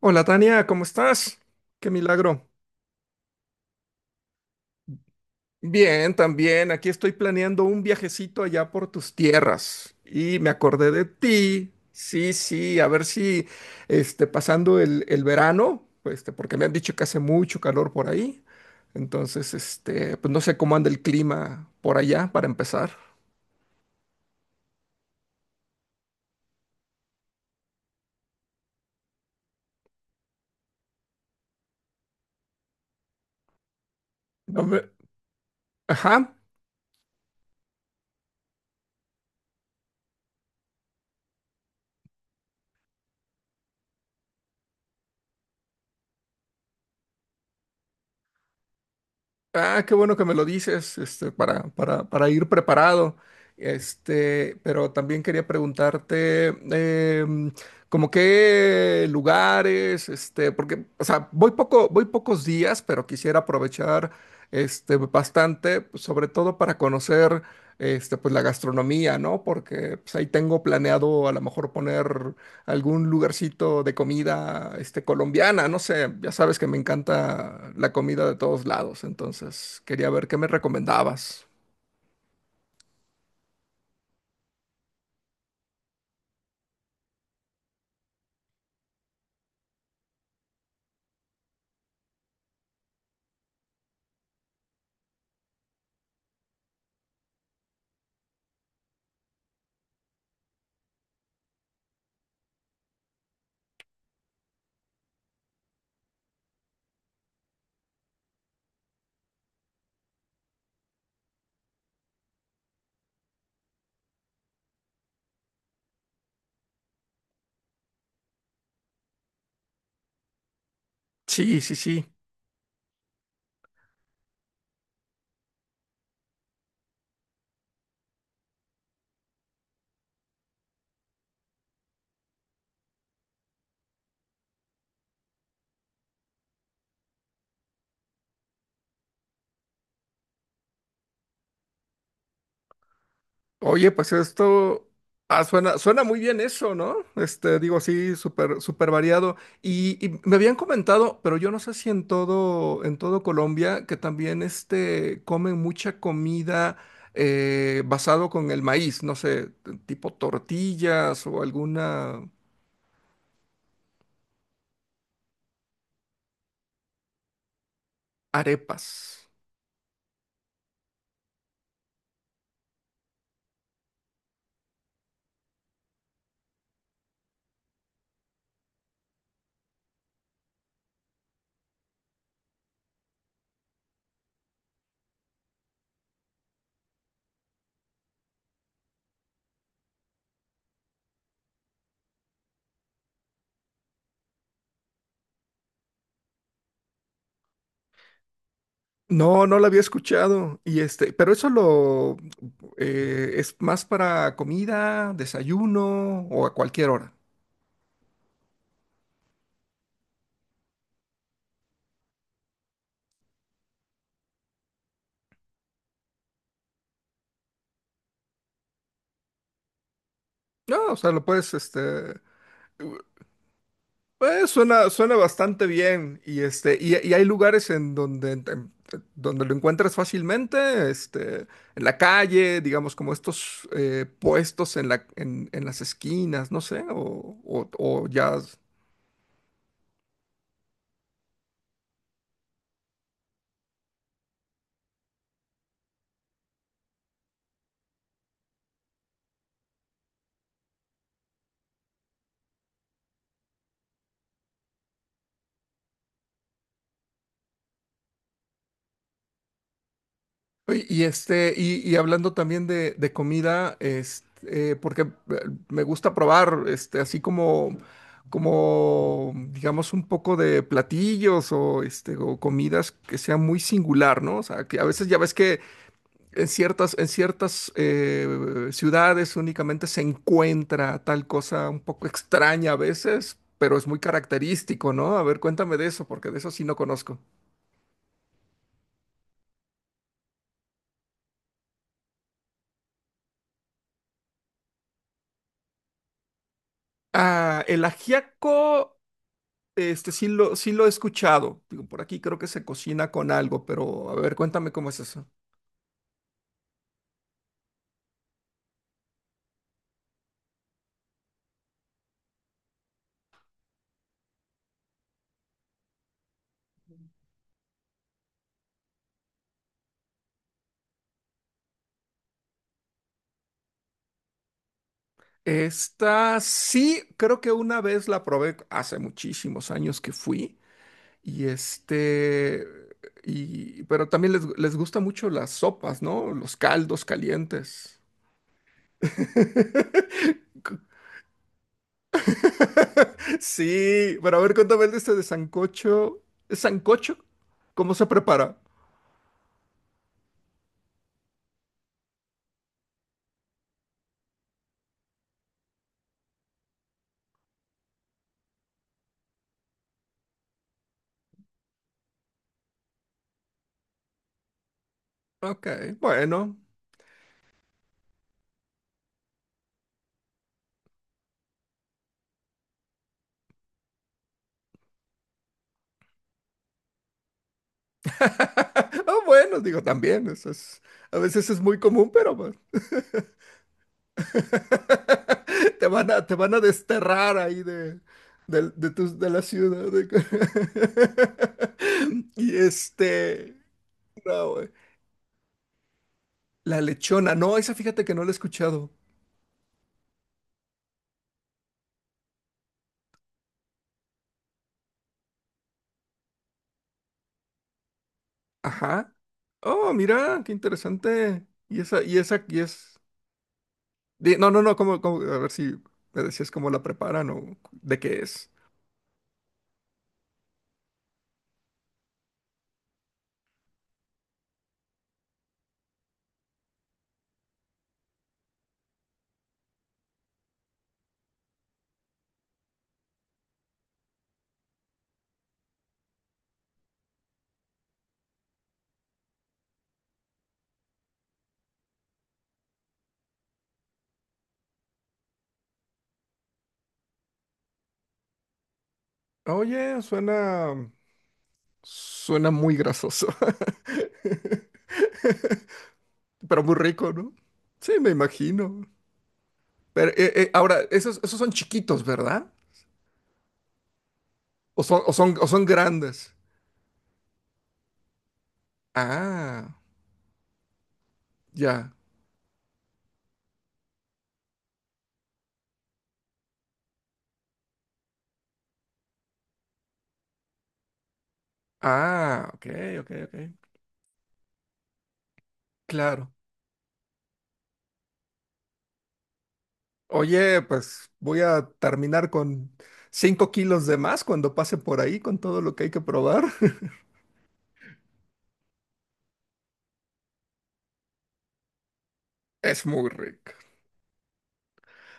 Hola Tania, ¿cómo estás? Qué milagro. Bien, también. Aquí estoy planeando un viajecito allá por tus tierras y me acordé de ti. Sí, sí, a ver si pasando el verano, pues, porque me han dicho que hace mucho calor por ahí. Entonces, pues no sé cómo anda el clima por allá para empezar. No me- Ajá. Ah, qué bueno que me lo dices, este, para ir preparado. Este, pero también quería preguntarte, em, como qué lugares, este, porque, o sea, voy pocos días, pero quisiera aprovechar, este, bastante, pues, sobre todo para conocer, este, pues la gastronomía, ¿no? Porque, pues, ahí tengo planeado a lo mejor poner algún lugarcito de comida, este, colombiana, no sé, ya sabes que me encanta la comida de todos lados, entonces quería ver qué me recomendabas. Sí, sí, sí. Oye, pues esto suena, suena muy bien eso, ¿no? Este, digo, sí, súper, súper variado. Y me habían comentado, pero yo no sé si en todo Colombia, que también este, comen mucha comida basado con el maíz, no sé, tipo tortillas o alguna Arepas. No, no la había escuchado. Y este, pero eso lo es más para comida, desayuno o a cualquier hora. No, o sea, lo puedes, este, suena, suena bastante bien. Y este, y hay lugares en donde, donde lo encuentras fácilmente, este, en la calle, digamos, como estos puestos en en las esquinas, no sé, o ya. Oye, y este, y hablando también de comida, este, porque me gusta probar, este, así como, como, digamos, un poco de platillos o este, o comidas que sea muy singular, ¿no? O sea, que a veces ya ves que en ciertas ciudades únicamente se encuentra tal cosa un poco extraña a veces, pero es muy característico, ¿no? A ver, cuéntame de eso, porque de eso sí no conozco. Ah, el ajiaco. Sí lo he escuchado. Digo, por aquí creo que se cocina con algo, pero a ver, cuéntame cómo es eso. Esta sí, creo que una vez la probé hace muchísimos años que fui. Y este, y, pero también les gusta mucho las sopas, ¿no? Los caldos calientes. Sí, pero a ver, cuéntame el de este de sancocho. ¿Es sancocho? ¿Cómo se prepara? Ok, bueno. Ah, bueno, digo, también, eso es, a veces es muy común, pero pues, te van a desterrar ahí de, de la ciudad. Y este, no, güey. La lechona, no, esa fíjate que no la he escuchado. Ajá. Oh, mira, qué interesante. No, no, no, como, como, a ver si me decías cómo la preparan o de qué es. Oye, suena. Suena muy grasoso. Pero muy rico, ¿no? Sí, me imagino. Pero ahora, esos son chiquitos, ¿verdad? O son grandes. Ah, ya. Ah, ok, ok, ok. Claro. Oye, pues voy a terminar con 5 kilos de más cuando pase por ahí con todo lo que hay que probar. Es muy rico.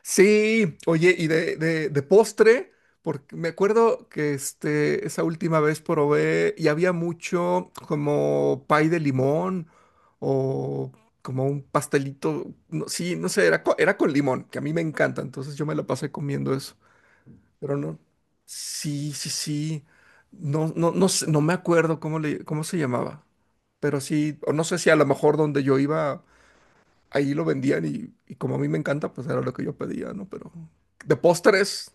Sí, oye, y de postre, porque me acuerdo que este, esa última vez probé y había mucho como pay de limón o como un pastelito, no, sí, no sé, era, era con limón, que a mí me encanta, entonces yo me la pasé comiendo eso, pero no, sí, sí, sí, no, no, no sé, no me acuerdo cómo se llamaba, pero sí, o no sé si a lo mejor donde yo iba ahí lo vendían y como a mí me encanta, pues era lo que yo pedía, ¿no? Pero de postres,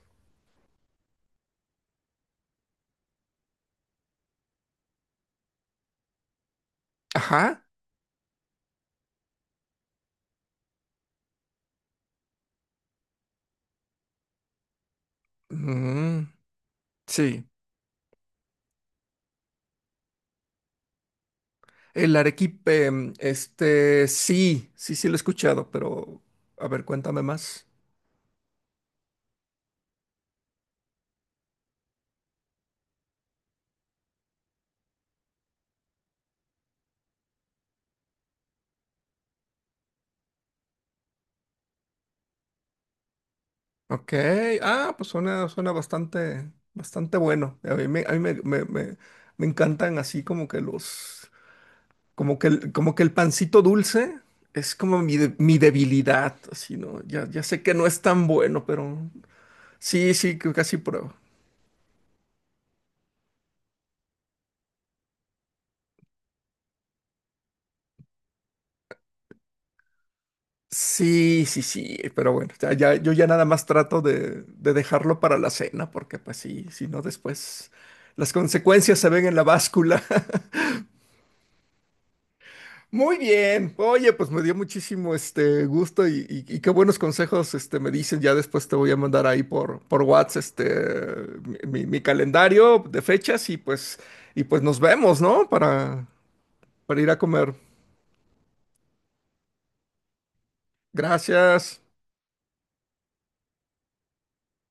ajá, mm, sí, el arequipe, mm, este, sí, sí, sí lo he escuchado, pero a ver, cuéntame más. Ok, ah, pues suena, suena bastante, bastante bueno. A mí me, me, me- me encantan así como que los, como que el pancito dulce es como mi, mi debilidad, así, ¿no? Ya, ya sé que no es tan bueno, pero sí, sí, que casi pruebo. Sí, sí, sí, pero bueno, ya, yo ya nada más trato de dejarlo para la cena, porque pues sí, si no después las consecuencias se ven en la báscula. Muy bien, oye, pues me dio muchísimo este gusto y qué buenos consejos este, me dicen, ya después te voy a mandar ahí por WhatsApp este, mi calendario de fechas y pues nos vemos, ¿no? Para ir a comer. Gracias.